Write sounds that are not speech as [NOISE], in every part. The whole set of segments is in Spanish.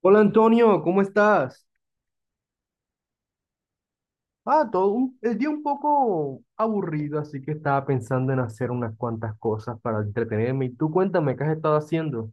Hola Antonio, ¿cómo estás? Ah, todo el día un poco aburrido, así que estaba pensando en hacer unas cuantas cosas para entretenerme. Y tú cuéntame, ¿qué has estado haciendo?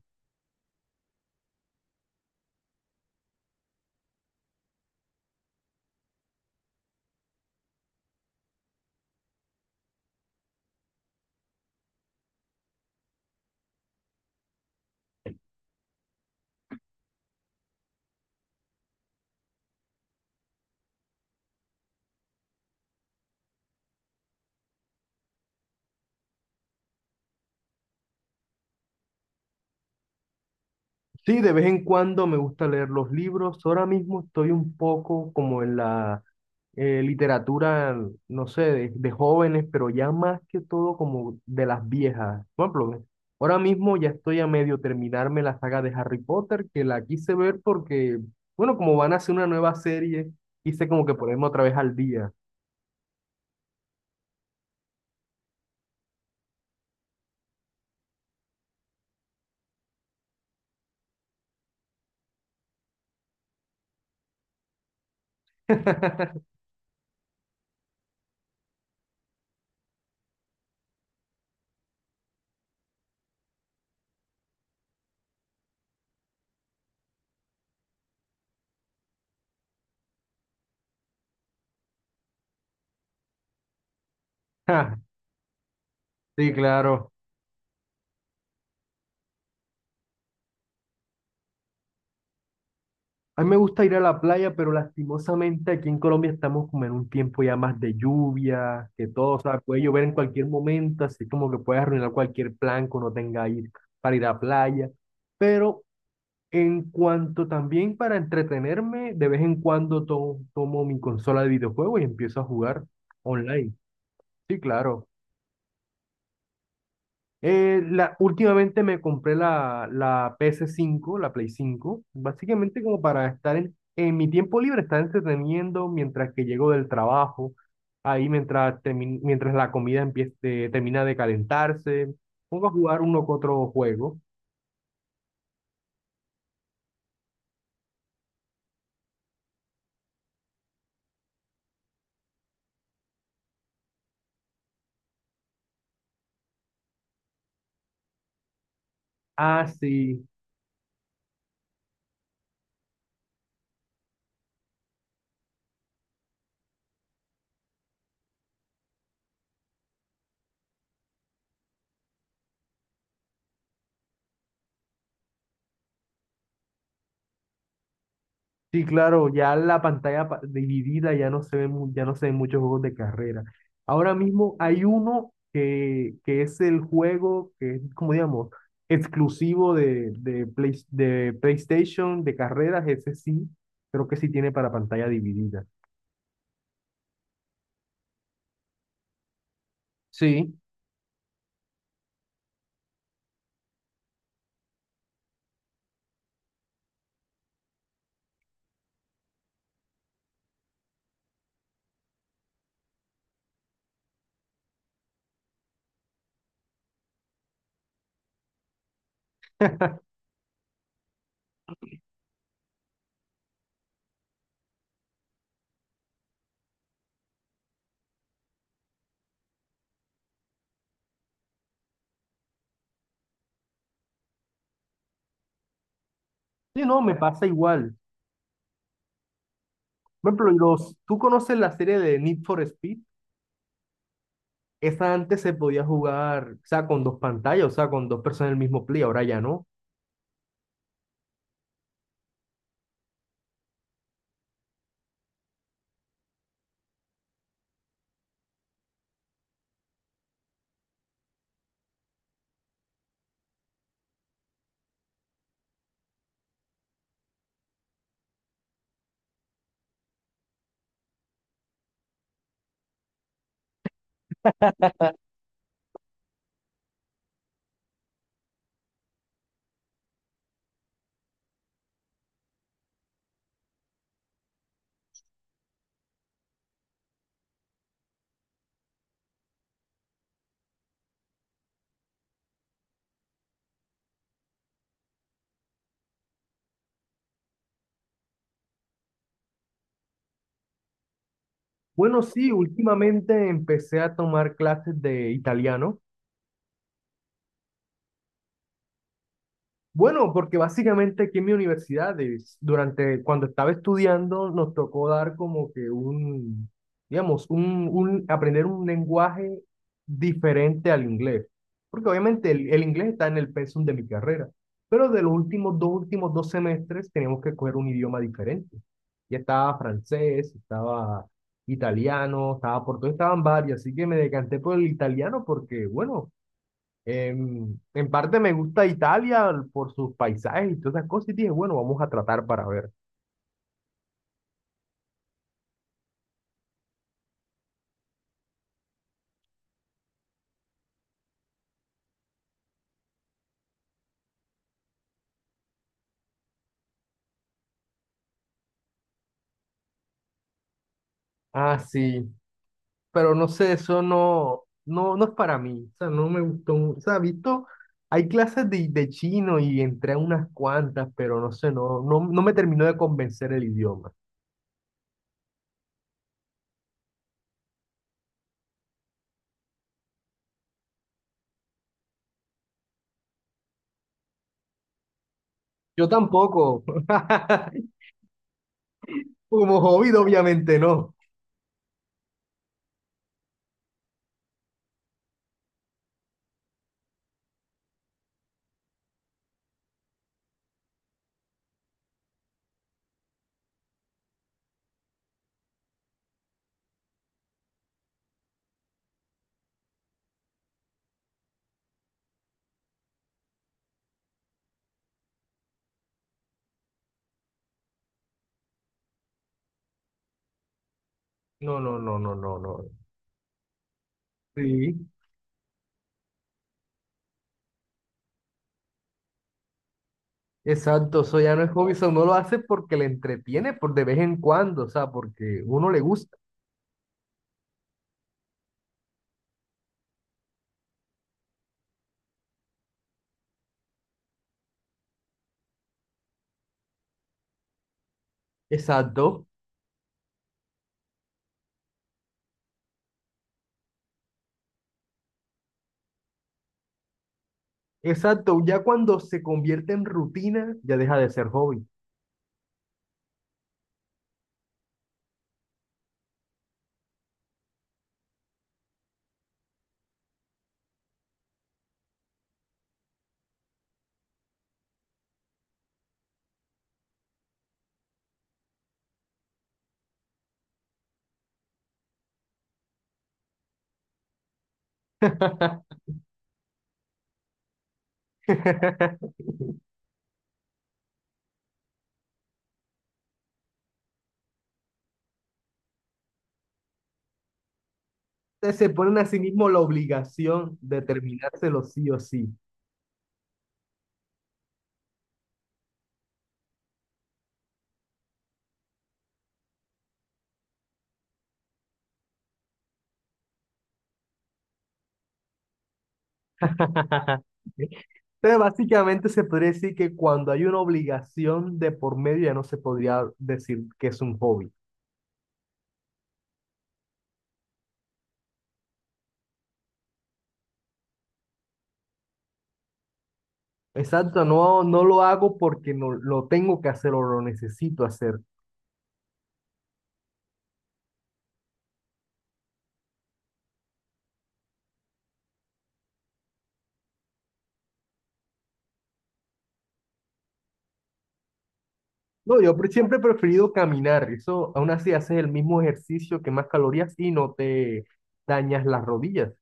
Sí, de vez en cuando me gusta leer los libros. Ahora mismo estoy un poco como en la literatura, no sé, de jóvenes, pero ya más que todo como de las viejas. Por ejemplo, ahora mismo ya estoy a medio terminarme la saga de Harry Potter, que la quise ver porque, bueno, como van a hacer una nueva serie, quise como que ponerme otra vez al día. [LAUGHS] Ja, sí, claro. A mí me gusta ir a la playa, pero lastimosamente aquí en Colombia estamos como en un tiempo ya más de lluvia, que todo, o sea, puede llover en cualquier momento, así como que puede arruinar cualquier plan que uno tenga ahí para ir a playa. Pero en cuanto también para entretenerme, de vez en cuando tomo mi consola de videojuegos y empiezo a jugar online. Sí, claro. Últimamente me compré la PS5, la Play 5, básicamente como para estar en mi tiempo libre, estar entreteniendo mientras que llego del trabajo, ahí mientras, mientras la comida empiece, termina de calentarse, pongo a jugar uno que otro juego. Ah, sí, sí, claro, ya la pantalla dividida ya no se ve, ya no se ven muchos juegos de carrera. Ahora mismo hay uno que es el juego que es, como digamos, exclusivo de de PlayStation, de carreras, ese sí, creo que sí tiene para pantalla dividida. Sí, sí, no, me pasa igual. Por ejemplo, los, ¿tú conoces la serie de Need for Speed? Esa antes se podía jugar, o sea, con dos pantallas, o sea, con dos personas en el mismo play, ahora ya no. Bueno, sí, últimamente empecé a tomar clases de italiano. Bueno, porque básicamente aquí en mi universidad, Davis, durante cuando estaba estudiando, nos tocó dar como que un, digamos, un aprender un lenguaje diferente al inglés. Porque obviamente el inglés está en el pensum de mi carrera, pero de los últimos dos semestres teníamos que coger un idioma diferente. Ya estaba francés, estaba italiano, estaba portugués, estaban varios, así que me decanté por el italiano porque, bueno, en parte me gusta Italia por sus paisajes y todas esas cosas y dije, bueno, vamos a tratar para ver. Ah, sí, pero no sé, eso no, no, no es para mí, o sea, no me gustó mucho, o sea, visto, hay clases de chino y entré a unas cuantas, pero no sé, no, no, no me terminó de convencer el idioma. Yo tampoco, [LAUGHS] como hobby obviamente no. No, no, no, no, no, no. Sí. Exacto, eso ya no es hobby, eso uno lo hace porque le entretiene por de vez en cuando, o sea, porque uno le gusta. Exacto, exacto, ya cuando se convierte en rutina, ya deja de ser hobby. [LAUGHS] Ustedes se ponen a sí mismos la obligación de terminárselo sí o sí. [LAUGHS] Entonces, básicamente se podría decir que cuando hay una obligación de por medio ya no se podría decir que es un hobby. Exacto, no, no lo hago porque no, lo tengo que hacer o lo necesito hacer. No, yo siempre he preferido caminar. Eso, aún así, haces el mismo ejercicio que más calorías y no te dañas las rodillas.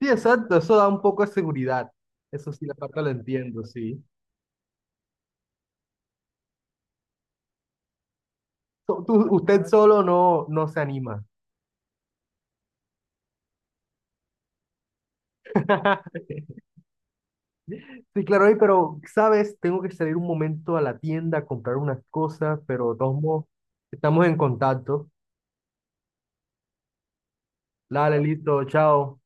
Sí, exacto. Eso da un poco de seguridad. Eso sí, la parte lo entiendo, sí. Usted solo no, no se anima. [LAUGHS] Sí, claro, oye, pero, ¿sabes? Tengo que salir un momento a la tienda a comprar unas cosas, pero de todos modos, estamos en contacto. Dale, listo, chao.